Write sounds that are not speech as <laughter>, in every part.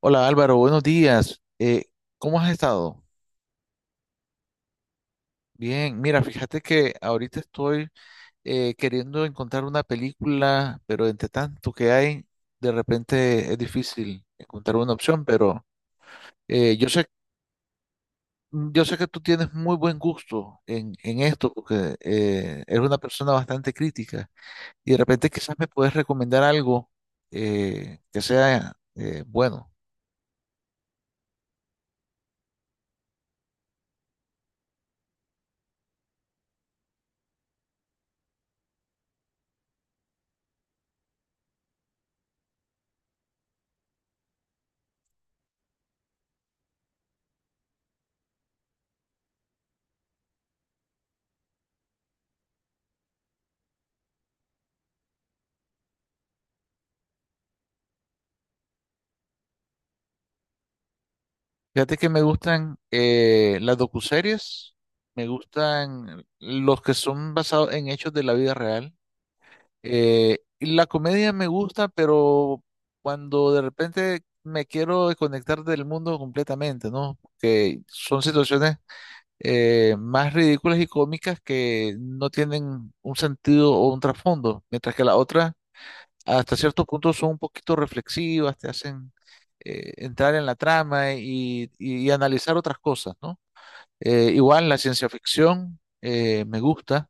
Hola Álvaro, buenos días. ¿Cómo has estado? Bien, mira, fíjate que ahorita estoy queriendo encontrar una película, pero entre tanto que hay, de repente es difícil encontrar una opción, pero yo sé, yo sé que tú tienes muy buen gusto en esto, porque eres una persona bastante crítica, y de repente quizás me puedes recomendar algo que sea bueno. Fíjate que me gustan las docuseries, me gustan los que son basados en hechos de la vida real. Y la comedia me gusta, pero cuando de repente me quiero desconectar del mundo completamente, ¿no? Que son situaciones más ridículas y cómicas que no tienen un sentido o un trasfondo, mientras que la otra hasta cierto punto son un poquito reflexivas, te hacen entrar en la trama y analizar otras cosas, ¿no? Igual la ciencia ficción me gusta,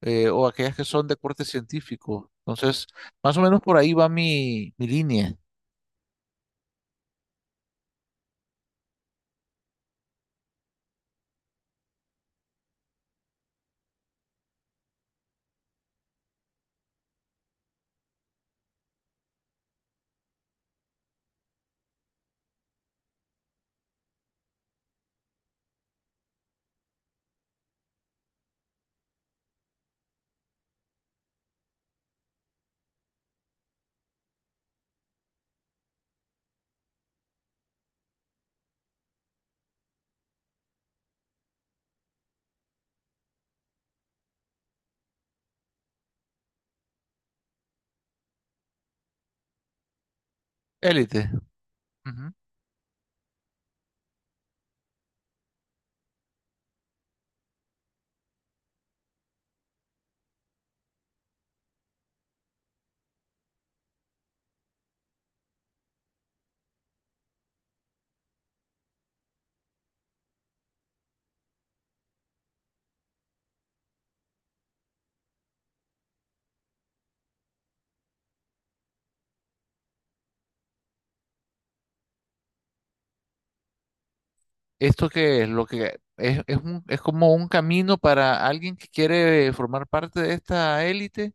o aquellas que son de corte científico. Entonces, más o menos por ahí va mi línea. Élite. Ujú. Esto que es lo que es, es como un camino para alguien que quiere formar parte de esta élite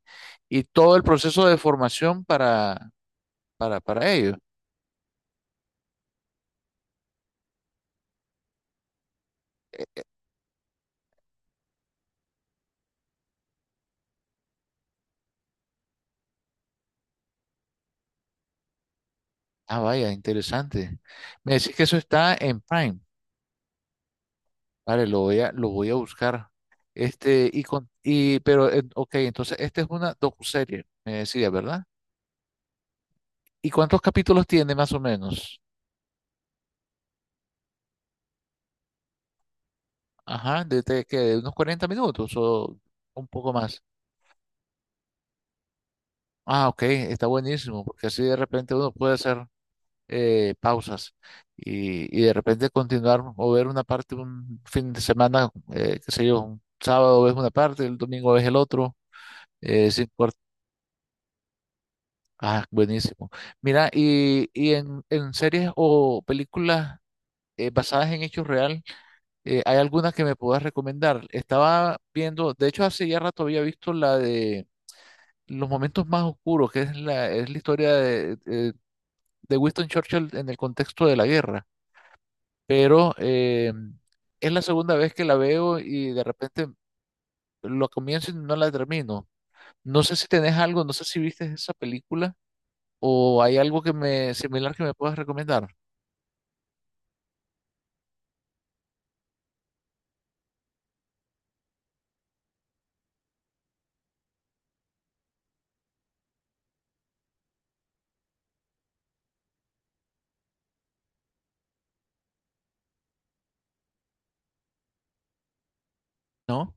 y todo el proceso de formación para ello. Ah, vaya, interesante. Me decís que eso está en Prime. Vale, lo voy a buscar. Este, pero ok, entonces esta es una docuserie, me decía, ¿verdad? ¿Y cuántos capítulos tiene más o menos? Ajá, de unos 40 minutos o un poco más. Ah, ok, está buenísimo, porque así de repente uno puede hacer pausas y de repente continuar o ver una parte un fin de semana, qué sé yo, un sábado ves una parte, el domingo ves el otro. Es importante. Ah, buenísimo. Mira, en series o películas basadas en hechos real, ¿hay alguna que me puedas recomendar? Estaba viendo, de hecho hace ya rato había visto la de Los Momentos Más Oscuros, que es es la historia de Winston Churchill en el contexto de la guerra, pero es la segunda vez que la veo y de repente lo comienzo y no la termino. No sé si tenés algo, no sé si viste esa película, o hay algo que me similar que me puedas recomendar, ¿no?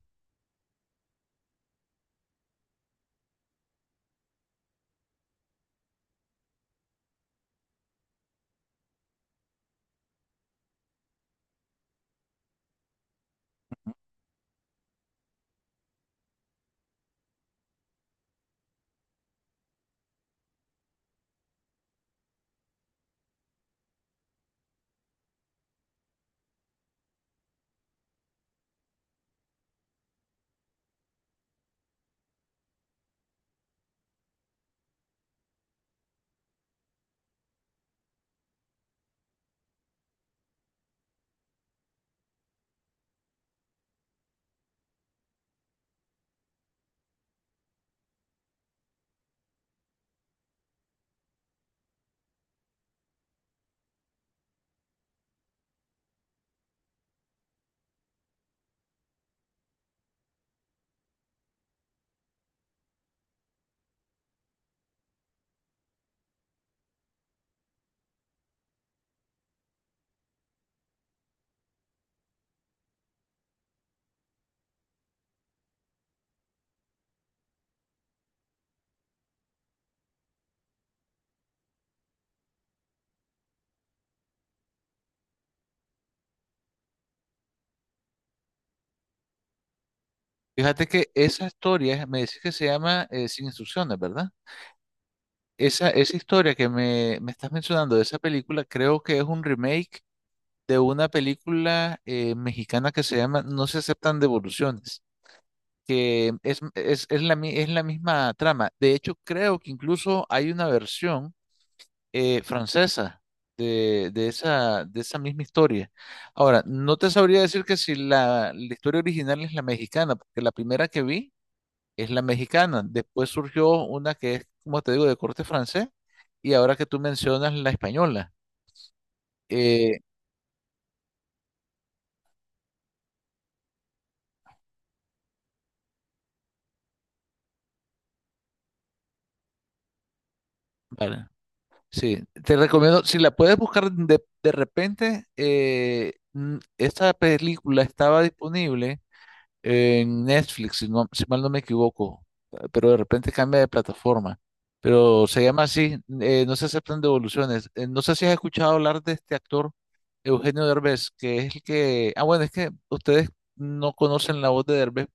Fíjate que esa historia, me decís que se llama Sin Instrucciones, ¿verdad? Esa historia me estás mencionando de esa película, creo que es un remake de una película mexicana que se llama No Se Aceptan Devoluciones, que es la, es la misma trama. De hecho, creo que incluso hay una versión francesa de esa misma historia. Ahora, no te sabría decir que si la historia original es la mexicana, porque la primera que vi es la mexicana. Después surgió una que es, como te digo, de corte francés, y ahora que tú mencionas la española. Eh, vale. Sí, te recomiendo, si la puedes buscar de repente, esta película estaba disponible en Netflix, si mal no me equivoco, pero de repente cambia de plataforma. Pero se llama así, no se aceptan devoluciones. No sé si has escuchado hablar de este actor, Eugenio Derbez, que es el que... Ah, bueno, es que ustedes no conocen la voz de Derbez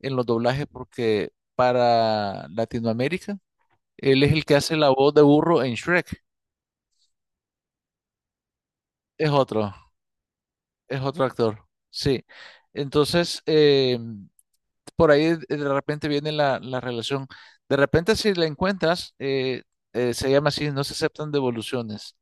en los doblajes porque para Latinoamérica, él es el que hace la voz de burro en Shrek. Es otro, es otro actor, sí. Entonces, por ahí de repente viene la relación. De repente si la encuentras, se llama así, no se aceptan devoluciones.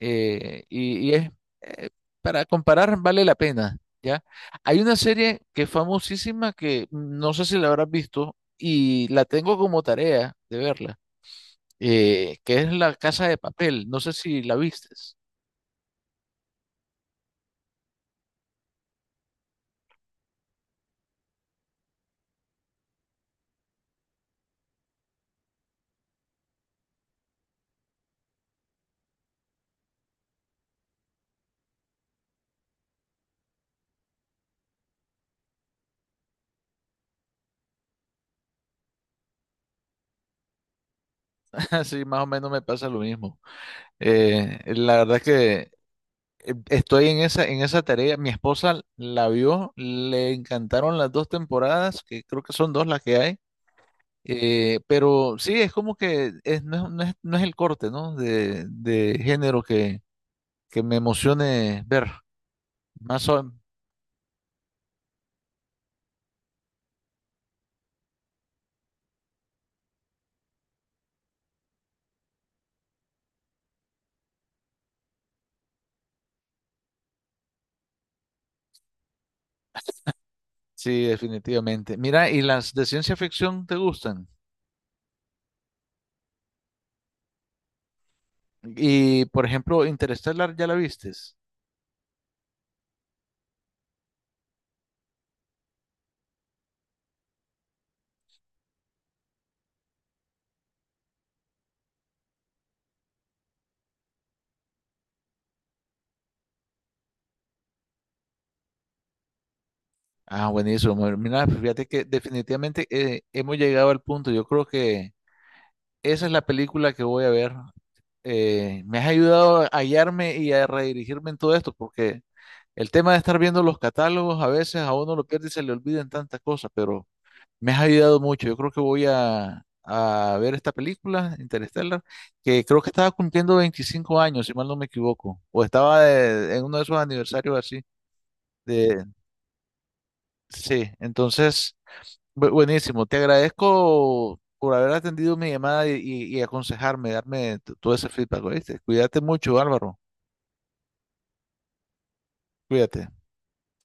Eh, y, y es, eh, para comparar, vale la pena, ¿ya? Hay una serie que es famosísima que no sé si la habrás visto y la tengo como tarea de verla, que es La Casa de Papel. No sé si la vistes. <laughs> Así más o menos me pasa lo mismo. La verdad que estoy en esa tarea. Mi esposa la vio, le encantaron las dos temporadas, que creo que son dos las que hay. Pero sí, es como que no es- el corte, ¿no? De género que me emocione ver. Más o- sí, definitivamente. Mira, ¿y las de ciencia ficción te gustan? Y, por ejemplo, Interstellar, ¿ya la vistes? Ah, buenísimo. Mira, fíjate que definitivamente hemos llegado al punto. Yo creo que esa es la película que voy a ver. Me has ayudado a hallarme y a redirigirme en todo esto, porque el tema de estar viendo los catálogos a veces a uno lo pierde y se le olvidan tantas cosas, pero me has ayudado mucho. Yo creo que a ver esta película, Interstellar, que creo que estaba cumpliendo 25 años, si mal no me equivoco, o estaba en uno de esos aniversarios así. De, sí, entonces buenísimo, te agradezco por haber atendido mi llamada y aconsejarme, darme todo ese feedback, ¿oíste? Cuídate mucho, Álvaro, cuídate.